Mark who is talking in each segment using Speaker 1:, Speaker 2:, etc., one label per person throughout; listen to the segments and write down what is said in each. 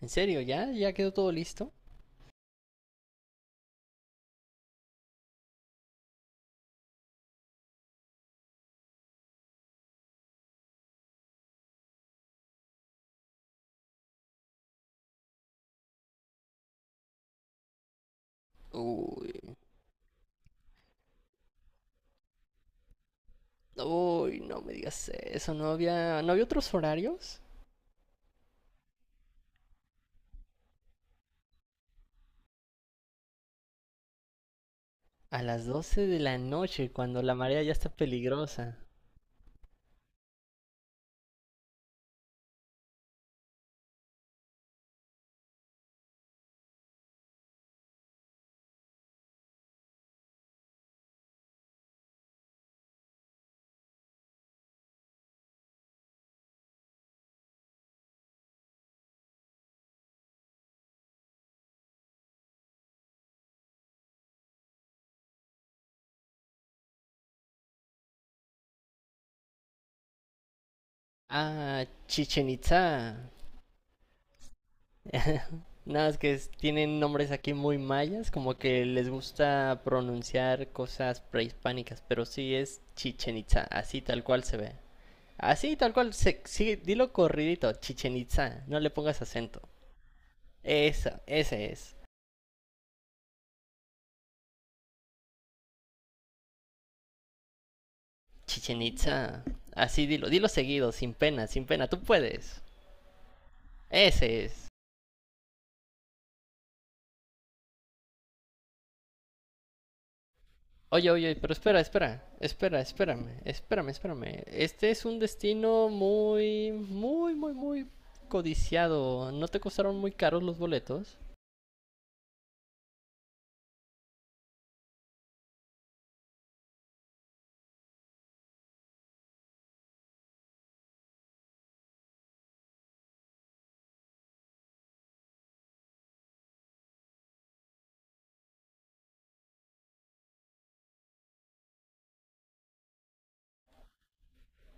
Speaker 1: ¿En serio? ¿Ya? ¿Ya quedó todo listo? Uy, uy, no me digas eso. ¿No había otros horarios? A las 12 de la noche, cuando la marea ya está peligrosa. Ah, Chichen Itza. Nada, tienen nombres aquí muy mayas, como que les gusta pronunciar cosas prehispánicas, pero sí es Chichen Itza, así tal cual se ve. Así tal cual, se, sí, dilo corridito, Chichen Itza, no le pongas acento. Esa, ese es. Chichen Itza. Así dilo, dilo seguido, sin pena, sin pena, tú puedes. Ese es. Oye, oye, pero espera, espera, espera, espérame, espérame, espérame. Este es un destino muy, muy, muy, muy codiciado. ¿No te costaron muy caros los boletos?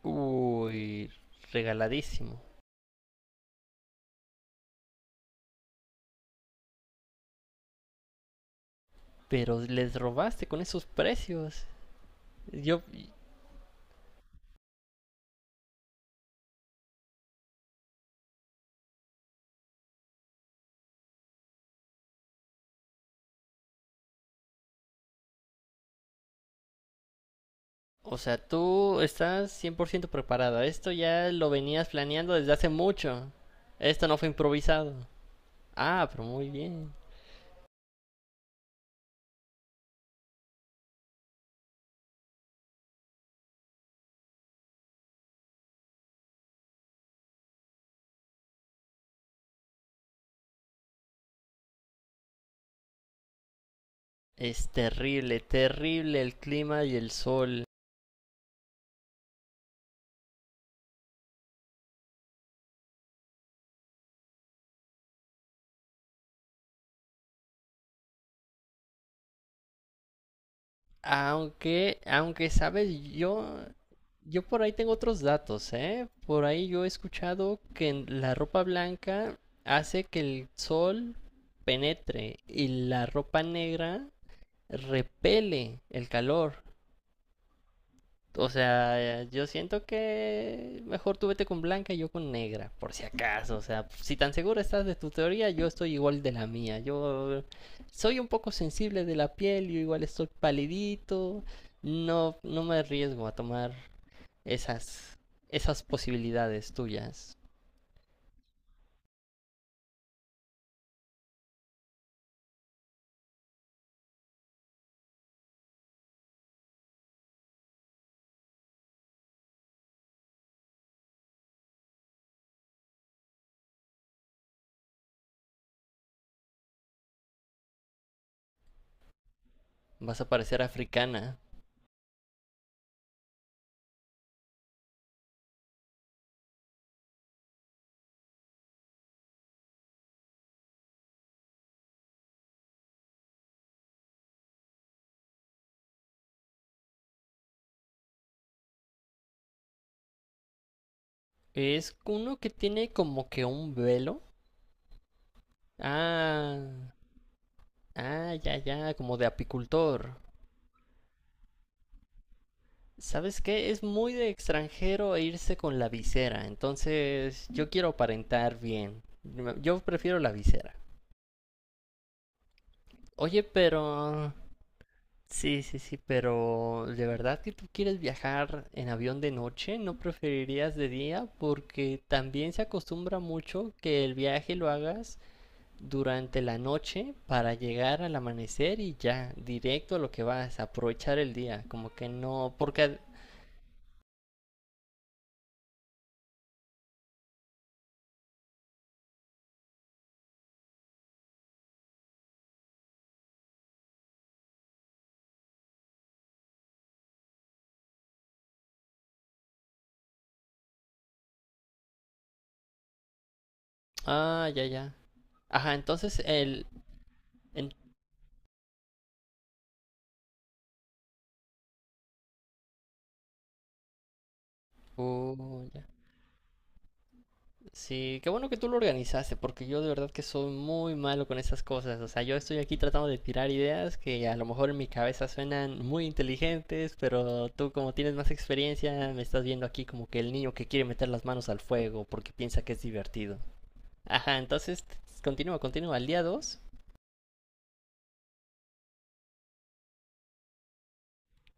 Speaker 1: Uy, regaladísimo. Pero les robaste con esos precios. Yo, o sea, tú estás 100% preparado. Esto ya lo venías planeando desde hace mucho. Esto no fue improvisado. Ah, pero muy bien. Es terrible, terrible el clima y el sol. Aunque, sabes, yo por ahí tengo otros datos, ¿eh? Por ahí yo he escuchado que en la ropa blanca hace que el sol penetre y la ropa negra repele el calor. O sea, yo siento que mejor tú vete con blanca y yo con negra, por si acaso. O sea, si tan segura estás de tu teoría, yo estoy igual de la mía. Yo soy un poco sensible de la piel, yo igual estoy palidito. No, no me arriesgo a tomar esas, esas posibilidades tuyas. Vas a parecer africana. Es uno que tiene como que un velo. Ah, ah, ya, ya, como de apicultor. ¿Sabes qué? Es muy de extranjero e irse con la visera, entonces yo quiero aparentar bien. Yo prefiero la visera. Oye, pero... Sí, sí, sí, pero ¿de verdad que tú quieres viajar en avión de noche? ¿No preferirías de día? Porque también se acostumbra mucho que el viaje lo hagas durante la noche para llegar al amanecer y ya, directo a lo que vas, aprovechar el día, como que no, porque... Ah, ya, ya. AjáEn- Oh, ya. Sí, qué bueno que tú lo organizaste, porque yo de verdad que soy muy malo con esas cosas. O sea, yo estoy aquí tratando de tirar ideas que a lo mejor en mi cabeza suenan muy inteligentes, pero tú como tienes más experiencia, me estás viendo aquí como que el niño que quiere meter las manos al fuego porque piensa que es divertido. Ajá, entonces continúa, continúa. Al día dos,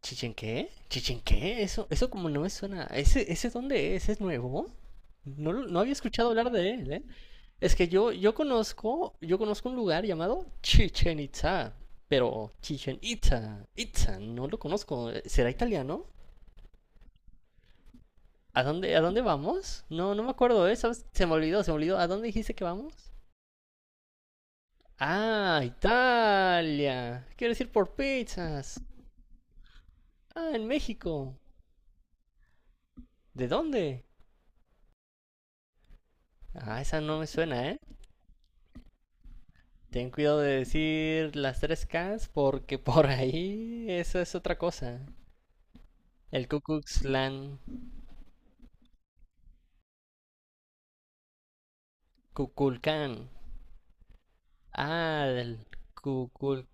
Speaker 1: ¿Chichen qué? ¿Chichen qué? Eso como no me suena. ¿Ese dónde es? ¿Es nuevo? No, no había escuchado hablar de él, ¿eh? Es que yo conozco un lugar llamado Chichen Itza, pero Chichen Itza, Itza, no lo conozco. ¿Será italiano? ¿A dónde vamos? No, no me acuerdo, ¿eh? ¿Sabes? Se me olvidó, se me olvidó. ¿A dónde dijiste que vamos? Ah, Italia. Quiero decir por pizzas. Ah, en México. ¿De dónde? Ah, esa no me suena, ¿eh? Ten cuidado de decir las tres Ks porque por ahí eso es otra cosa. El Ku Klux Klan, Kukulkan. Ah, del Google.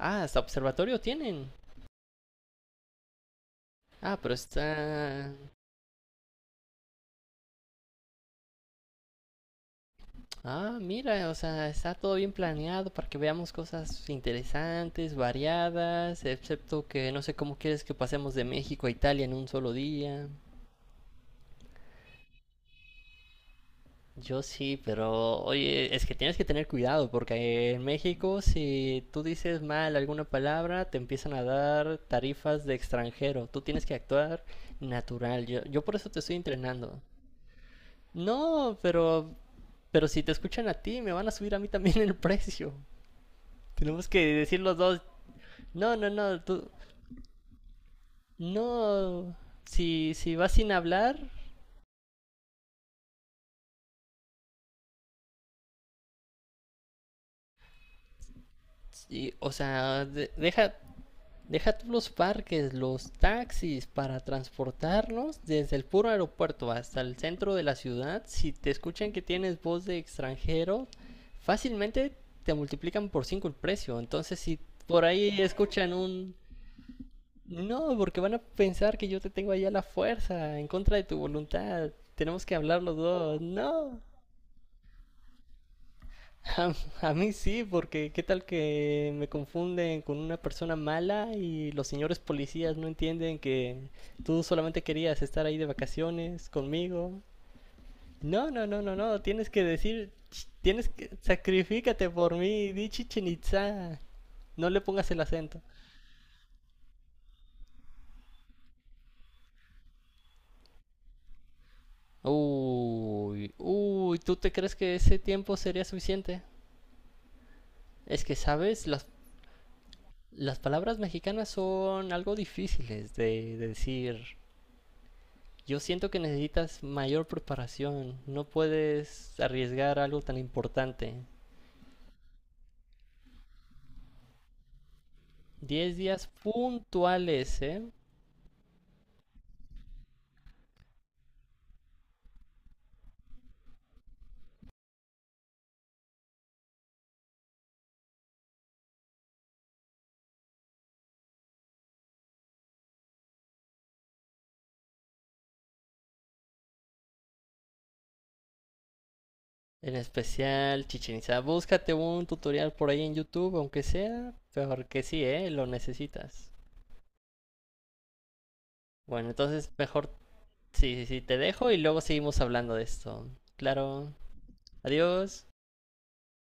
Speaker 1: Ah, hasta observatorio tienen. Ah, pero está... Ah, mira, o sea, está todo bien planeado para que veamos cosas interesantes, variadas, excepto que no sé cómo quieres que pasemos de México a Italia en un solo día. Yo sí, pero oye, es que tienes que tener cuidado porque en México si tú dices mal alguna palabra te empiezan a dar tarifas de extranjero. Tú tienes que actuar natural. Yo por eso te estoy entrenando. No, pero, si te escuchan a ti, me van a subir a mí también el precio. Tenemos que decir los dos, no, no, no, tú, no, si vas sin hablar, sí, o sea, deja, deja tú los parques, los taxis para transportarnos desde el puro aeropuerto hasta el centro de la ciudad. Si te escuchan que tienes voz de extranjero, fácilmente te multiplican por 5 el precio. Entonces, si por ahí escuchan un No, porque van a pensar que yo te tengo ahí a la fuerza, en contra de tu voluntad. Tenemos que hablar los dos. No. A, a mí sí, porque qué tal que me confunden con una persona mala y los señores policías no entienden que tú solamente querías estar ahí de vacaciones conmigo. No, no, no, no, no. Tienes que decir, tienes que, sacrifícate por mí, di Chichen Itza. No le pongas el acento. Uy, uy, ¿tú te crees que ese tiempo sería suficiente? Es que, ¿sabes? las, palabras mexicanas son algo difíciles de decir. Yo siento que necesitas mayor preparación. No puedes arriesgar algo tan importante. 10 días puntuales, ¿eh? En especial, Chichen Itzá. Búscate un tutorial por ahí en YouTube, aunque sea, porque sí, ¿eh? Lo necesitas. Bueno, entonces mejor Sí, sí, sí, te dejo y luego seguimos hablando de esto. Claro. Adiós.